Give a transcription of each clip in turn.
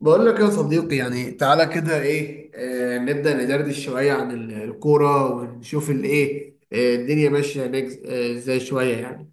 بقول لك يا صديقي، يعني تعالى كده ايه نبدأ ندردش شوية عن الكورة ونشوف الايه الدنيا ماشية هناك ازاي شوية يعني.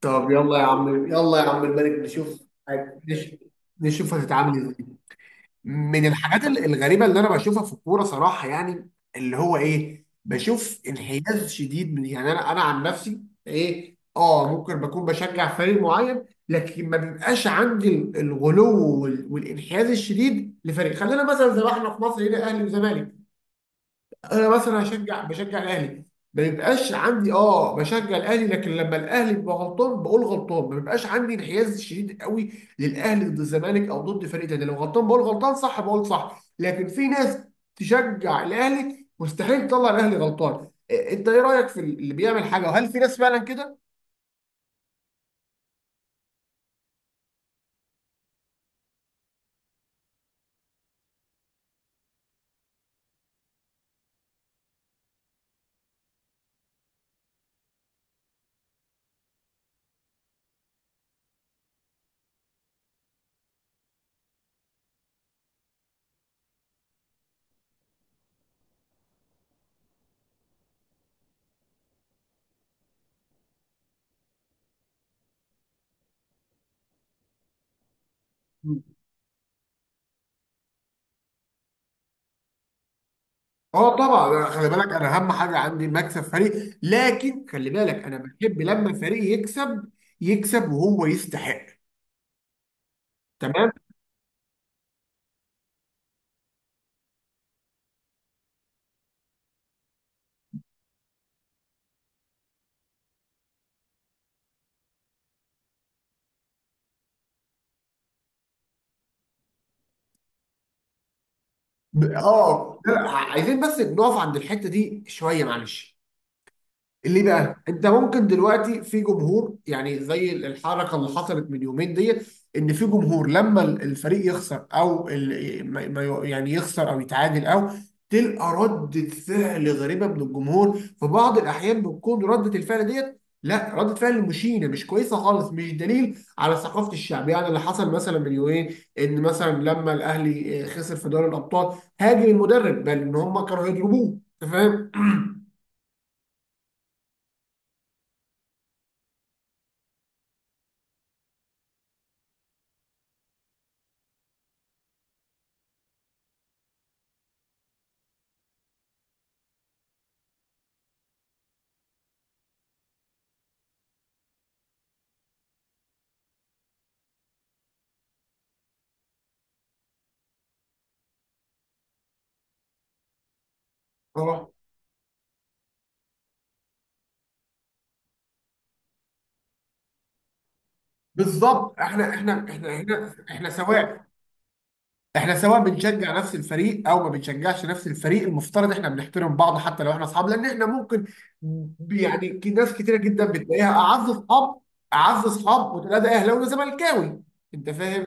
طب يلا يا عم يلا يا عم الملك نشوف. هت- نش- نشوف هتتعامل ازاي. من الحاجات الغريبه اللي انا بشوفها في الكوره صراحه، يعني اللي هو ايه، بشوف انحياز شديد من، يعني انا عن نفسي. ايه، ممكن بكون بشجع فريق معين، لكن ما بيبقاش عندي الغلو والانحياز الشديد لفريق. خلينا مثلا زي ما احنا في مصر هنا، اهلي وزمالك. انا مثلا بشجع الاهلي، ما بيبقاش عندي، بشجع الاهلي، لكن لما الاهلي بيبقى غلطان بقول غلطان. ما بيبقاش عندي انحياز شديد قوي للاهلي ضد الزمالك او ضد فريق تاني، لو غلطان بقول غلطان، صح بقول صح. لكن في ناس تشجع الاهلي مستحيل تطلع الاهلي غلطان. إيه، انت ايه رايك في اللي بيعمل حاجه، وهل في ناس فعلا كده؟ اه طبعا. خلي بالك، انا اهم حاجه عندي مكسب فريق. لكن خلي بالك، انا بحب لما الفريق يكسب وهو يستحق. تمام. لا، عايزين بس نقف عند الحته دي شويه، معلش. ليه بقى؟ انت ممكن دلوقتي في جمهور، يعني زي الحركه اللي حصلت من يومين ديت، ان في جمهور لما الفريق يخسر او يعني يخسر او يتعادل، او تلقى ردة فعل غريبة من الجمهور. في بعض الأحيان بتكون ردة الفعل ديت، لا، ردة فعل مشينة مش كويسة خالص، مش دليل على ثقافة الشعب. يعني اللي حصل مثلا من يومين، إن مثلا لما الأهلي خسر في دوري الأبطال هاجم المدرب، بل إن هم كانوا هيضربوه. أنت فاهم؟ بالظبط. احنا، احنا، احنا هنا سواء، احنا سواء بنشجع نفس الفريق او ما بنشجعش نفس الفريق، المفترض احنا بنحترم بعض حتى لو احنا اصحاب، لان احنا ممكن، يعني ناس كتيره جدا بتلاقيها اعز اصحاب، اعز اصحاب، وتلاقي ده اهلاوي وزملكاوي. انت فاهم؟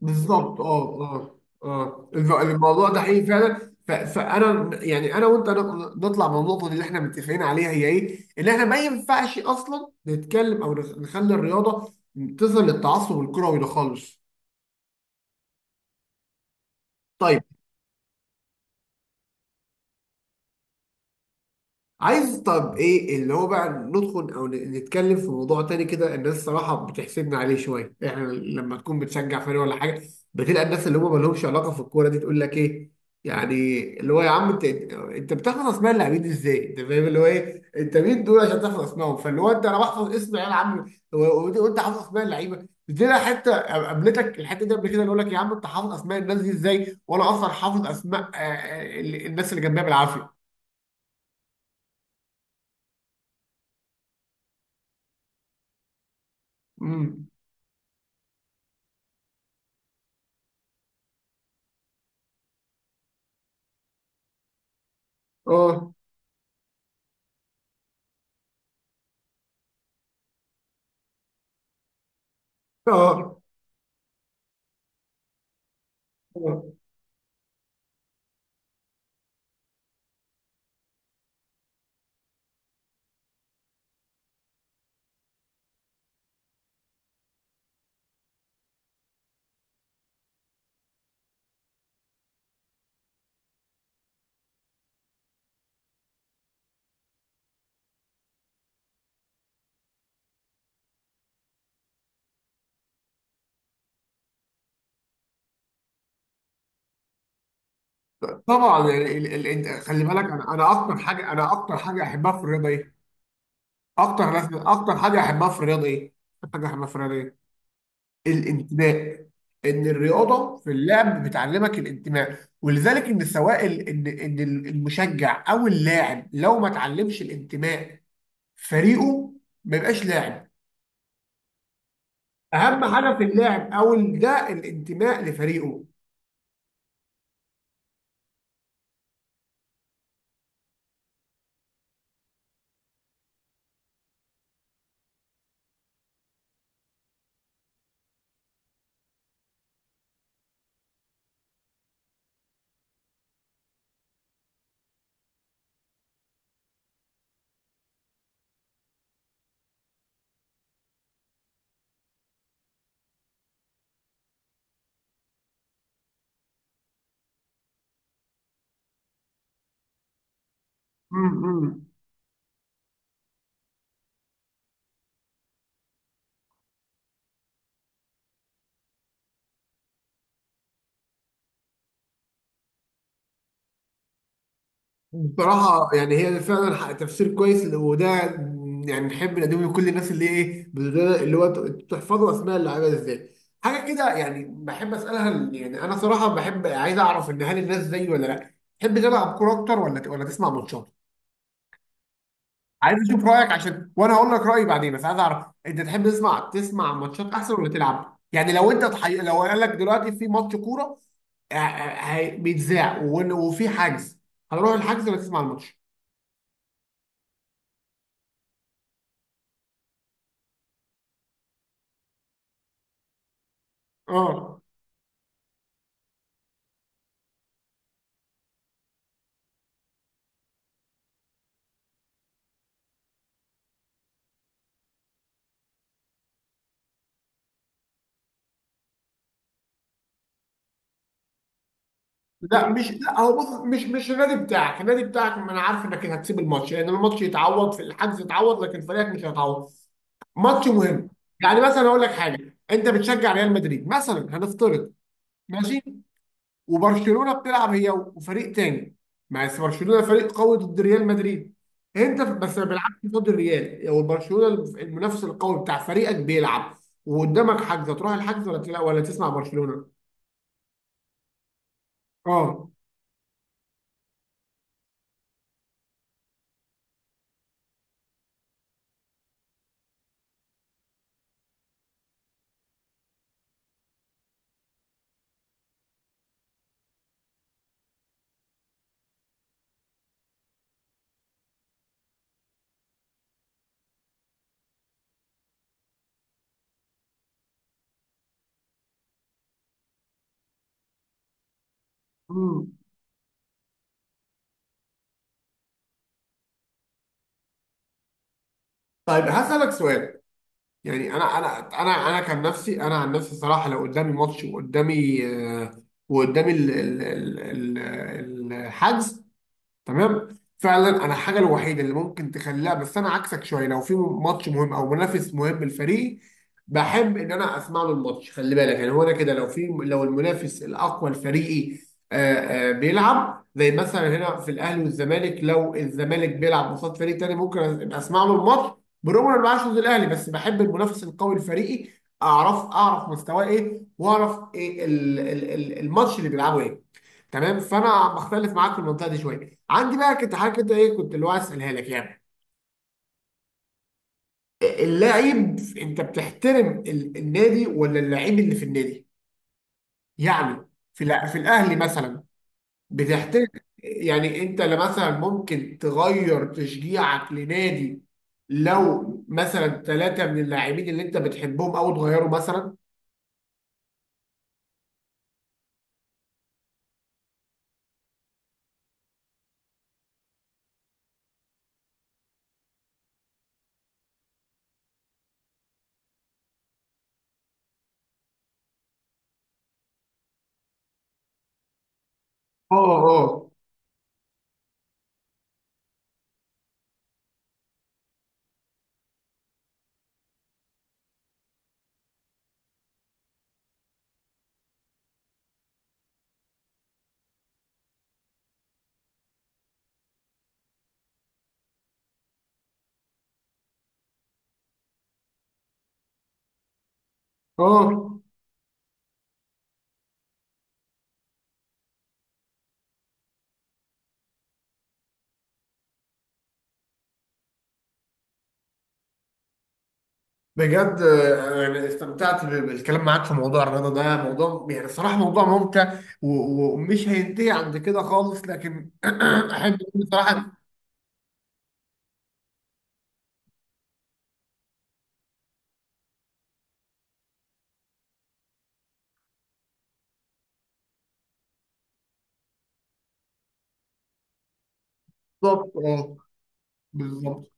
بالظبط. اه الموضوع ده حقيقي فعلا. فانا، يعني انا وانت نطلع من النقطه دي اللي احنا متفقين عليها هي ايه؟ ان احنا ما ينفعش اصلا نتكلم او نخلي الرياضه تصل للتعصب الكروي ده خالص. طيب، عايز، طب ايه اللي هو بقى، ندخل او نتكلم في موضوع تاني كده. الناس الصراحه بتحسدنا عليه شويه. احنا لما تكون بتشجع فريق ولا حاجه، بتلاقي الناس اللي هم ما لهمش علاقه في الكوره دي تقول لك ايه، يعني اللي هو يا عم انت بتحفظ اسماء اللاعبين ازاي؟ انت فاهم اللي هو ايه، انت مين دول عشان تحفظ اسمائهم؟ فاللي هو انت، انا بحفظ اسم عيال عم و- وانت وأنت حافظ اسماء اللعيبه دي؟ لا حته قابلتك الحته دي قبل كده، اللي يقول لك يا عم انت حافظ اسماء الناس دي ازاي وانا اصلا حافظ اسماء الناس اللي جنبها بالعافيه. امم اه، اه، آه. طبعا. يعني انت خلي بالك، انا اكتر حاجه، احبها في الرياضه ايه؟ اكتر ناس، اكتر حاجه احبها في الرياضه ايه؟ اكتر حاجه احبها في الرياضه ايه؟ الانتماء. ان الرياضه في اللعب بتعلمك الانتماء، ولذلك ان سواء ال... ان ان المشجع او اللاعب لو ما اتعلمش الانتماء فريقه ما يبقاش لاعب. اهم حاجه في اللاعب ده الانتماء لفريقه. امم. بصراحة، يعني هي فعلا تفسير كويس، وده يعني نحب نقدمه لكل الناس اللي، ايه، تحفظوا اسماء اللعيبة ازاي. حاجة كده يعني بحب اسألها، يعني انا صراحة بحب عايز اعرف، ان هل الناس زيي ولا لا تحب تلعب كورة اكتر ولا ولا تسمع ماتشات؟ عايز اشوف رأيك، عشان وانا هقول لك رأيي بعدين، بس عايز اعرف انت تحب تسمع ماتشات احسن ولا تلعب؟ يعني لو انت لو قال لك دلوقتي في ماتش كورة بيتذاع وفي حجز، هنروح الحجز ولا تسمع الماتش؟ اه لا مش لا هو، بص، مش النادي بتاعك. ما انا عارف انك هتسيب الماتش، لان الماتش يتعوض في الحجز يتعوض، لكن فريقك مش هيتعوض. ماتش مهم. يعني مثلا اقول لك حاجه، انت بتشجع ريال مدريد مثلا هنفترض، ماشي؟ وبرشلونه بتلعب هي وفريق تاني، ما بس برشلونه فريق قوي ضد ريال مدريد، انت، بس ما بيلعبش ضد الريال او برشلونه، المنافس القوي بتاع فريقك بيلعب، وقدامك حجز، هتروح الحجز ولا ولا تسمع برشلونه؟ اه. مم. طيب هسألك سؤال. يعني انا كان نفسي، انا عن نفسي صراحه، لو قدامي ماتش وقدامي وقدامي الحجز، تمام؟ فعلا، انا الحاجه الوحيده اللي ممكن تخليها، بس انا عكسك شويه، لو في ماتش مهم او منافس مهم للفريق بحب ان انا اسمع له الماتش. خلي بالك، يعني هو انا كده لو في، لو المنافس الاقوى لفريقي بيلعب، زي مثلا هنا في الاهلي والزمالك، لو الزمالك بيلعب قصاد فريق تاني ممكن أبقى اسمع له الماتش، برغم ان انا بعشق زي الاهلي، بس بحب المنافس القوي لفريقي اعرف مستواه ايه، واعرف ايه الماتش اللي بيلعبه ايه. تمام؟ فانا بختلف معاك في المنطقه دي شويه. عندي بقى، كنت حاجه كده، ايه، كنت اللي هو عايز اسالها لك، يعني اللاعب، انت بتحترم النادي ولا اللاعب اللي في النادي؟ يعني في في الاهلي مثلا، بتحترم يعني انت، لا مثلا ممكن تغير تشجيعك لنادي لو مثلا 3 من اللاعبين اللي انت بتحبهم او تغيروا مثلا؟ اه، اه، اه. بجد. يعني استمتعت بالكلام معاك في موضوع الرياضة، ده موضوع، يعني الصراحة، موضوع ممتع، ومش هينتهي عند كده خالص، لكن أحب بصراحة. بالظبط. بالظبط.